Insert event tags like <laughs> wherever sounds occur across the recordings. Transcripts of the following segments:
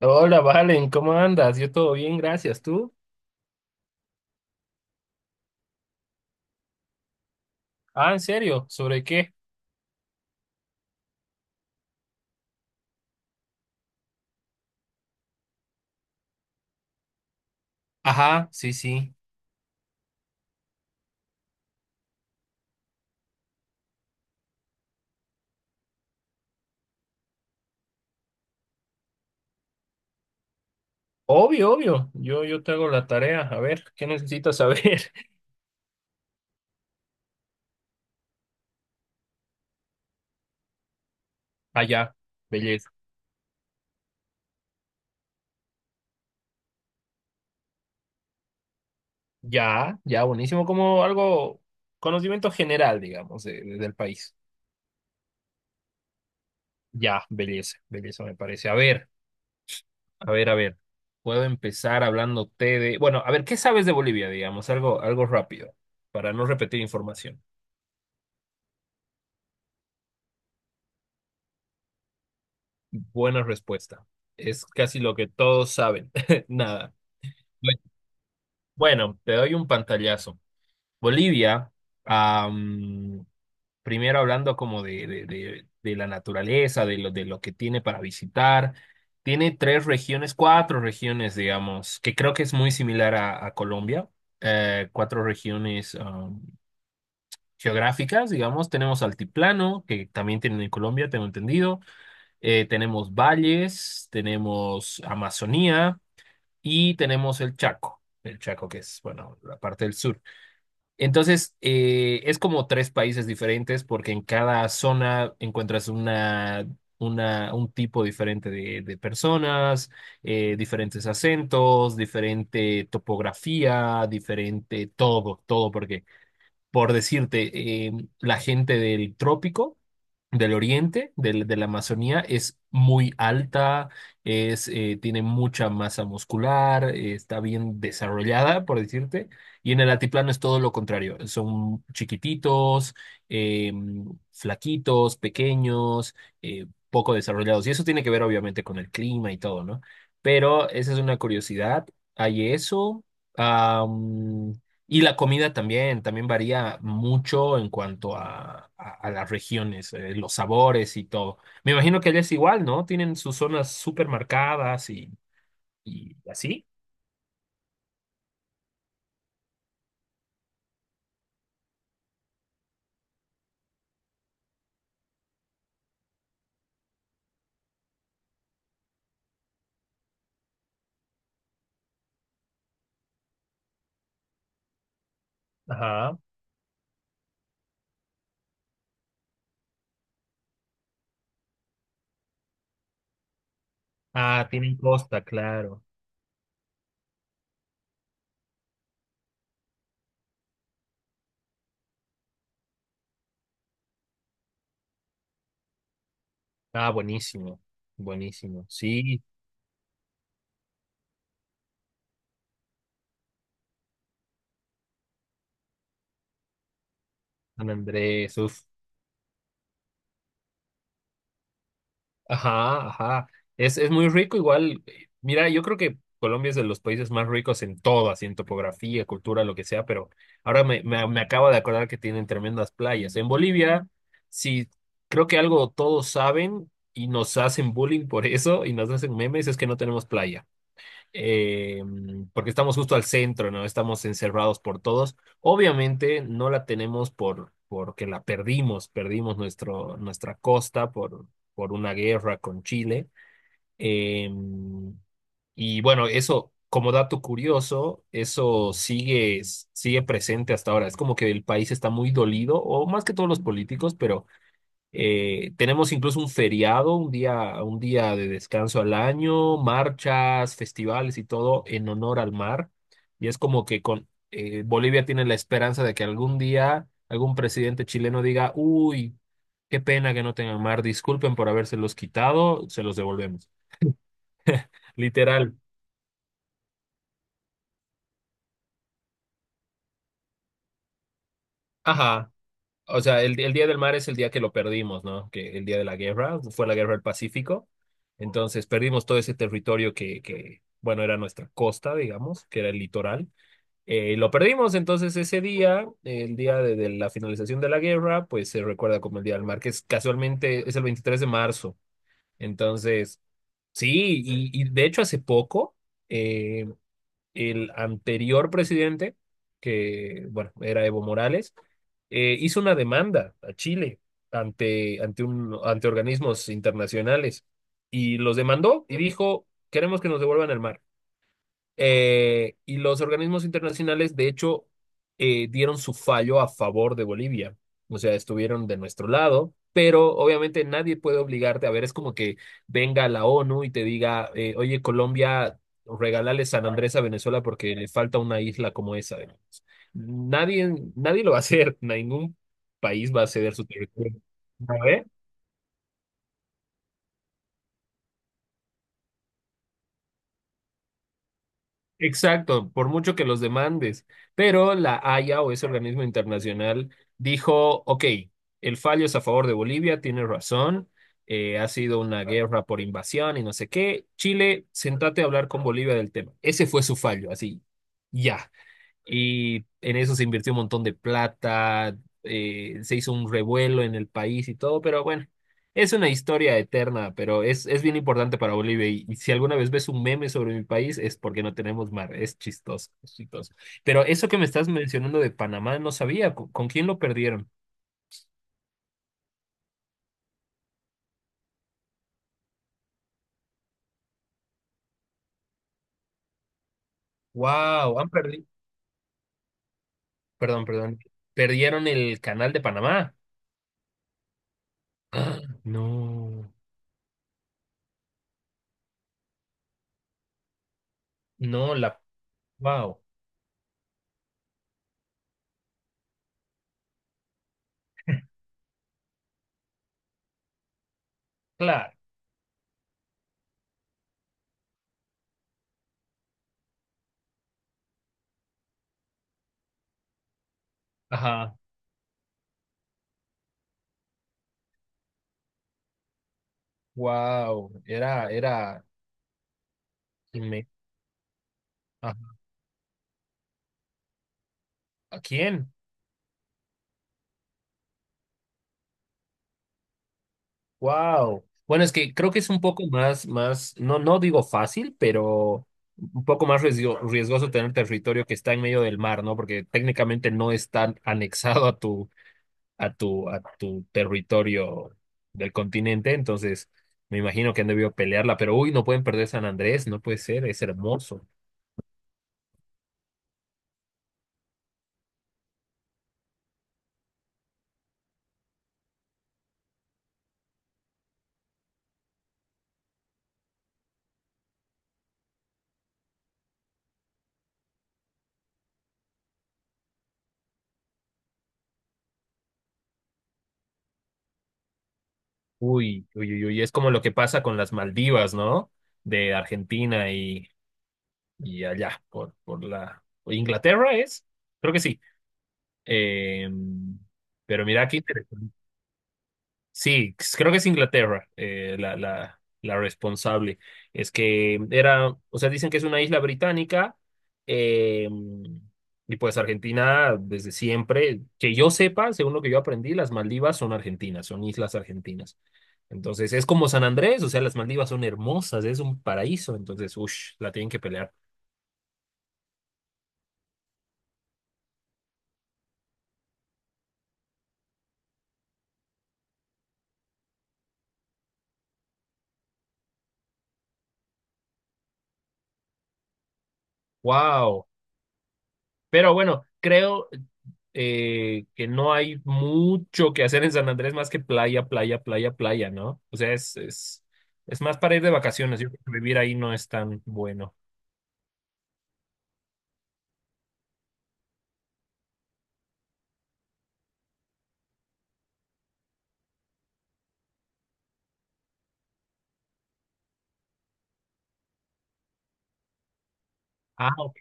Hola, Valen, ¿cómo andas? Yo todo bien, gracias. ¿Tú? Ah, ¿en serio? ¿Sobre qué? Ajá, sí, sí. Obvio, obvio. Yo te hago la tarea. A ver, ¿qué necesitas saber? <laughs> Allá, belleza. Ya, ya, buenísimo. Como algo, conocimiento general, digamos, del país. Ya, belleza, belleza me parece. A ver, a ver. Puedo empezar hablándote de... Bueno, a ver, ¿qué sabes de Bolivia, digamos? Algo, algo rápido, para no repetir información. Buena respuesta. Es casi lo que todos saben. <laughs> Nada. Bueno, te doy un pantallazo. Bolivia, am, primero hablando como de la naturaleza, de lo que tiene para visitar, tiene tres regiones, cuatro regiones, digamos, que creo que es muy similar a Colombia. Cuatro regiones geográficas, digamos. Tenemos altiplano, que también tienen en Colombia, tengo entendido. Tenemos valles, tenemos Amazonía y tenemos el Chaco. El Chaco, que es, bueno, la parte del sur. Entonces, es como tres países diferentes porque en cada zona encuentras un tipo diferente de personas, diferentes acentos, diferente topografía, diferente todo, todo, porque por decirte, la gente del trópico, del oriente, de la Amazonía, es muy alta, tiene mucha masa muscular, está bien desarrollada, por decirte, y en el altiplano es todo lo contrario, son chiquititos, eh, flaquitos, pequeños, poco desarrollados, y eso tiene que ver obviamente con el clima y todo, ¿no? Pero esa es una curiosidad, hay eso. Y la comida también, varía mucho en cuanto a las regiones, los sabores y todo. Me imagino que allá es igual, ¿no? Tienen sus zonas súper marcadas y, así. Ajá. Ah, tienen costa, claro. Ah, buenísimo, buenísimo. Sí, San Andrés, uf. Ajá, ajá. Es muy rico igual. Mira, yo creo que Colombia es de los países más ricos en todo, así en topografía, cultura, lo que sea, pero ahora me acabo de acordar que tienen tremendas playas. En Bolivia, sí, creo que algo todos saben y nos hacen bullying por eso y nos hacen memes, es que no tenemos playa eh, porque estamos justo al centro, ¿no? Estamos encerrados por todos. Obviamente no la tenemos por, porque la perdimos, perdimos nuestro, nuestra costa por, una guerra con Chile. Eh, y bueno, eso, como dato curioso, eso sigue presente hasta ahora. Es como que el país está muy dolido, o más que todos los políticos, pero tenemos incluso un feriado, un día de descanso al año, marchas, festivales y todo en honor al mar. Y es como que con Bolivia tiene la esperanza de que algún día algún presidente chileno diga, uy, qué pena que no tengan mar, disculpen por habérselos quitado, se los devolvemos. Literal. Ajá. O sea, el Día del Mar es el día que lo perdimos, ¿no? Que el día de la guerra, fue la guerra del Pacífico. Entonces perdimos todo ese territorio que, bueno, era nuestra costa, digamos, que era el litoral. Lo perdimos, entonces ese día, el día de la finalización de la guerra, pues se recuerda como el Día del Mar, que es casualmente es el 23 de marzo. Entonces, sí, y, de hecho hace poco, eh, el anterior presidente, que bueno, era Evo Morales, hizo una demanda a Chile ante organismos internacionales y los demandó y dijo, queremos que nos devuelvan el mar. Y los organismos internacionales, de hecho, dieron su fallo a favor de Bolivia. O sea, estuvieron de nuestro lado, pero obviamente nadie puede obligarte. A ver, es como que venga la ONU y te diga, oye, Colombia, regálale San Andrés a Venezuela porque le falta una isla como esa. Digamos. Nadie, nadie lo va a hacer, <laughs> ningún país va a ceder su territorio. Exacto, por mucho que los demandes, pero la Haya o ese organismo internacional dijo, ok, el fallo es a favor de Bolivia, tiene razón, ha sido una guerra por invasión y no sé qué, Chile, sentate a hablar con Bolivia del tema. Ese fue su fallo, así, ya. Y en eso se invirtió un montón de plata, se hizo un revuelo en el país y todo, pero bueno, es una historia eterna, pero es bien importante para Bolivia. Y si alguna vez ves un meme sobre mi país, es porque no tenemos mar, es chistoso, es chistoso. Pero eso que me estás mencionando de Panamá, no sabía, ¿con quién lo perdieron? Wow, han perdido, perdón, perdón, perdieron el canal de Panamá. <gasps> Ah, no, no, wow, claro, ajá, wow, era, era. Me- ah, ¿a quién? Wow. Bueno, es que creo que es un poco más, más, no, no digo fácil, pero un poco más riesgoso tener territorio que está en medio del mar, ¿no? Porque técnicamente no está anexado a tu, a tu territorio del continente, entonces me imagino que han debido pelearla, pero uy, no pueden perder San Andrés, no puede ser, es hermoso. Uy, uy, uy, uy, es como lo que pasa con las Maldivas, ¿no? De Argentina y allá, por, la... Inglaterra es, creo que sí. Eh, pero mira qué interesante. Sí, creo que es Inglaterra la responsable. Es que era, o sea, dicen que es una isla británica eh, y pues Argentina desde siempre, que yo sepa, según lo que yo aprendí, las Maldivas son argentinas, son islas argentinas. Entonces es como San Andrés, o sea, las Maldivas son hermosas, es un paraíso, entonces, uff, la tienen que pelear. ¡Wow! Pero bueno, creo que no hay mucho que hacer en San Andrés más que playa, playa, playa, playa, ¿no? O sea, es más para ir de vacaciones. Yo creo que vivir ahí no es tan bueno. Ah, ok.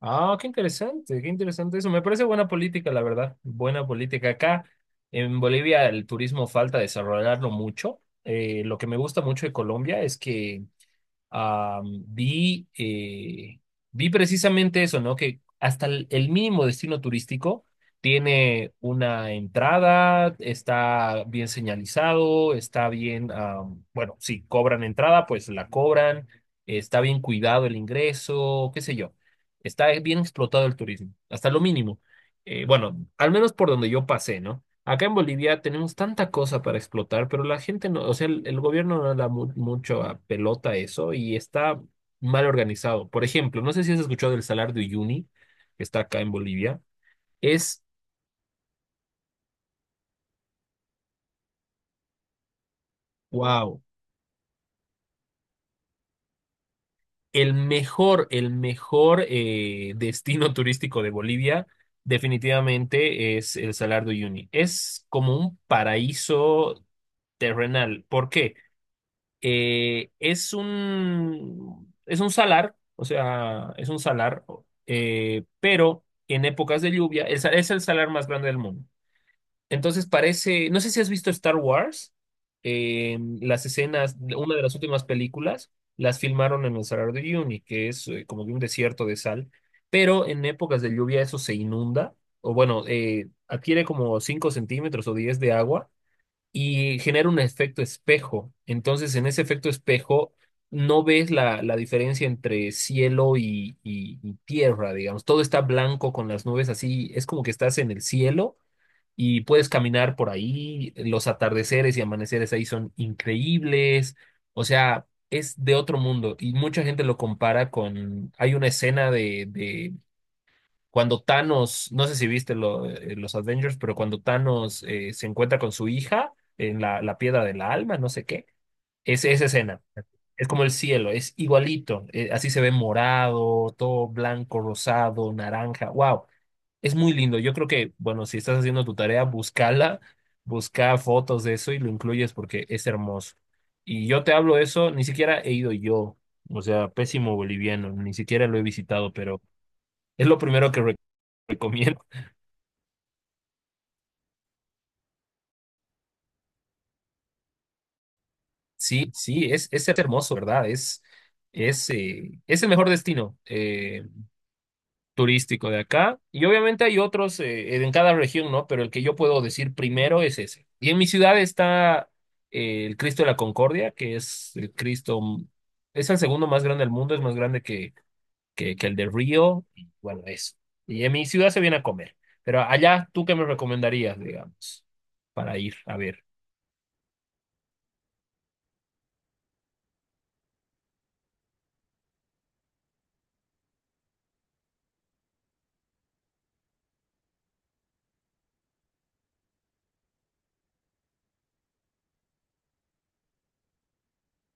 Ah, qué interesante eso. Me parece buena política, la verdad. Buena política. Acá en Bolivia el turismo falta desarrollarlo mucho. Lo que me gusta mucho de Colombia es que Am, vi, eh, vi precisamente eso, ¿no? Que hasta el mínimo destino turístico tiene una entrada, está bien señalizado, está bien, bueno, si cobran entrada, pues la cobran, está bien cuidado el ingreso, qué sé yo. Está bien explotado el turismo, hasta lo mínimo. Bueno, al menos por donde yo pasé, ¿no? Acá en Bolivia tenemos tanta cosa para explotar, pero la gente no, o sea, el gobierno no le da mucho a pelota a eso y está mal organizado. Por ejemplo, no sé si has escuchado el Salar de Uyuni, que está acá en Bolivia. Es, wow, el mejor destino <laughs> turístico de Bolivia definitivamente es el Salar de Uyuni. Es como un paraíso terrenal. ¿Por qué? Es un salar, o sea, es un salar, pero en épocas de lluvia es el salar más grande del mundo. Entonces parece, no sé si has visto Star Wars, las escenas, una de las últimas películas, las filmaron en el Salar de Uyuni, que es como de un desierto de sal, pero en épocas de lluvia eso se inunda, o bueno, adquiere como 5 centímetros o 10 de agua y genera un efecto espejo. Entonces, en ese efecto espejo no ves la diferencia entre cielo y, y tierra, digamos. Todo está blanco con las nubes así, es como que estás en el cielo y puedes caminar por ahí. Los atardeceres y amaneceres ahí son increíbles. O sea, es de otro mundo y mucha gente lo compara con, hay una escena de, cuando Thanos, no sé si viste los Avengers, pero cuando Thanos se encuentra con su hija en la piedra del alma, no sé qué, es esa escena. Es como el cielo, es igualito. Así se ve morado, todo blanco, rosado, naranja. Wow, es muy lindo. Yo creo que, bueno, si estás haciendo tu tarea, búscala, busca fotos de eso y lo incluyes porque es hermoso. Y yo te hablo eso, ni siquiera he ido yo, o sea, pésimo boliviano, ni siquiera lo he visitado, pero es lo primero que recomiendo. Sí, sí, es hermoso, ¿verdad? Es el mejor destino turístico de acá. Y obviamente hay otros en cada región, ¿no? Pero el que yo puedo decir primero es ese. Y en mi ciudad está el Cristo de la Concordia, que es el Cristo, es el segundo más grande del mundo, es más grande que, que el de Río. Y bueno, eso. Y en mi ciudad se viene a comer. Pero allá, ¿tú qué me recomendarías, digamos, para ir a ver?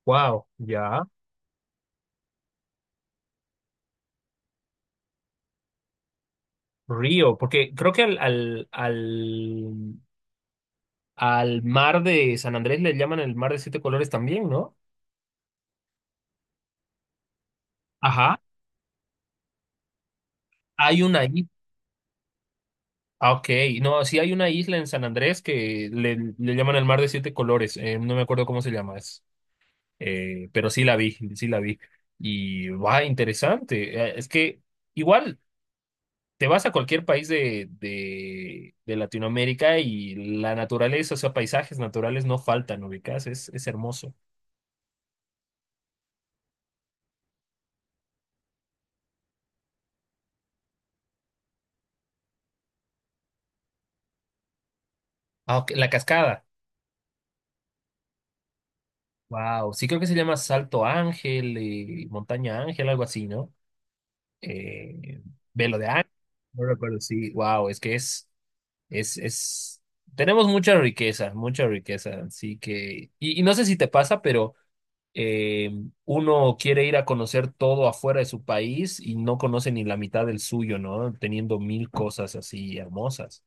Wow, ya. Río, porque creo que al mar de San Andrés le llaman el mar de siete colores también, ¿no? Ajá, hay una isla. Ah, ok. No, sí hay una isla en San Andrés que le llaman el mar de siete colores. No me acuerdo cómo se llama. Pero sí la vi, sí la vi. Y va, interesante. Es que igual te vas a cualquier país de Latinoamérica y la naturaleza, o sea, paisajes naturales no faltan, ubicás, es hermoso. Ah, ok, la cascada. Wow, sí creo que se llama Salto Ángel y Montaña Ángel, algo así, ¿no? Eh, Velo de Ángel, no recuerdo, sí, wow, es que es, es, es, tenemos mucha riqueza, así que, y, no sé si te pasa, pero eh, uno quiere ir a conocer todo afuera de su país y no conoce ni la mitad del suyo, ¿no? Teniendo mil cosas así hermosas,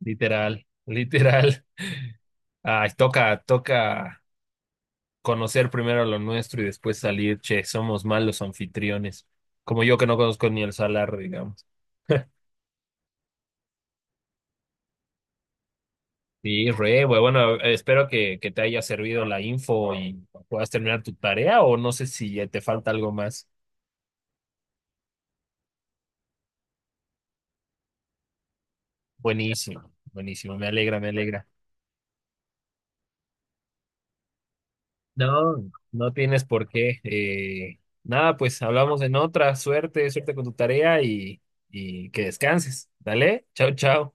literal, literal. Ay, toca, toca. Conocer primero lo nuestro y después salir, che, somos malos anfitriones. Como yo que no conozco ni el salar, digamos. <laughs> Sí, re, güey. Bueno, espero que, te haya servido la info y puedas terminar tu tarea o no sé si ya te falta algo más. Buenísimo, buenísimo. Me alegra, me alegra. No, no tienes por qué. Nada, pues hablamos en otra. Suerte, suerte con tu tarea y, que descanses. Dale, chao, chao.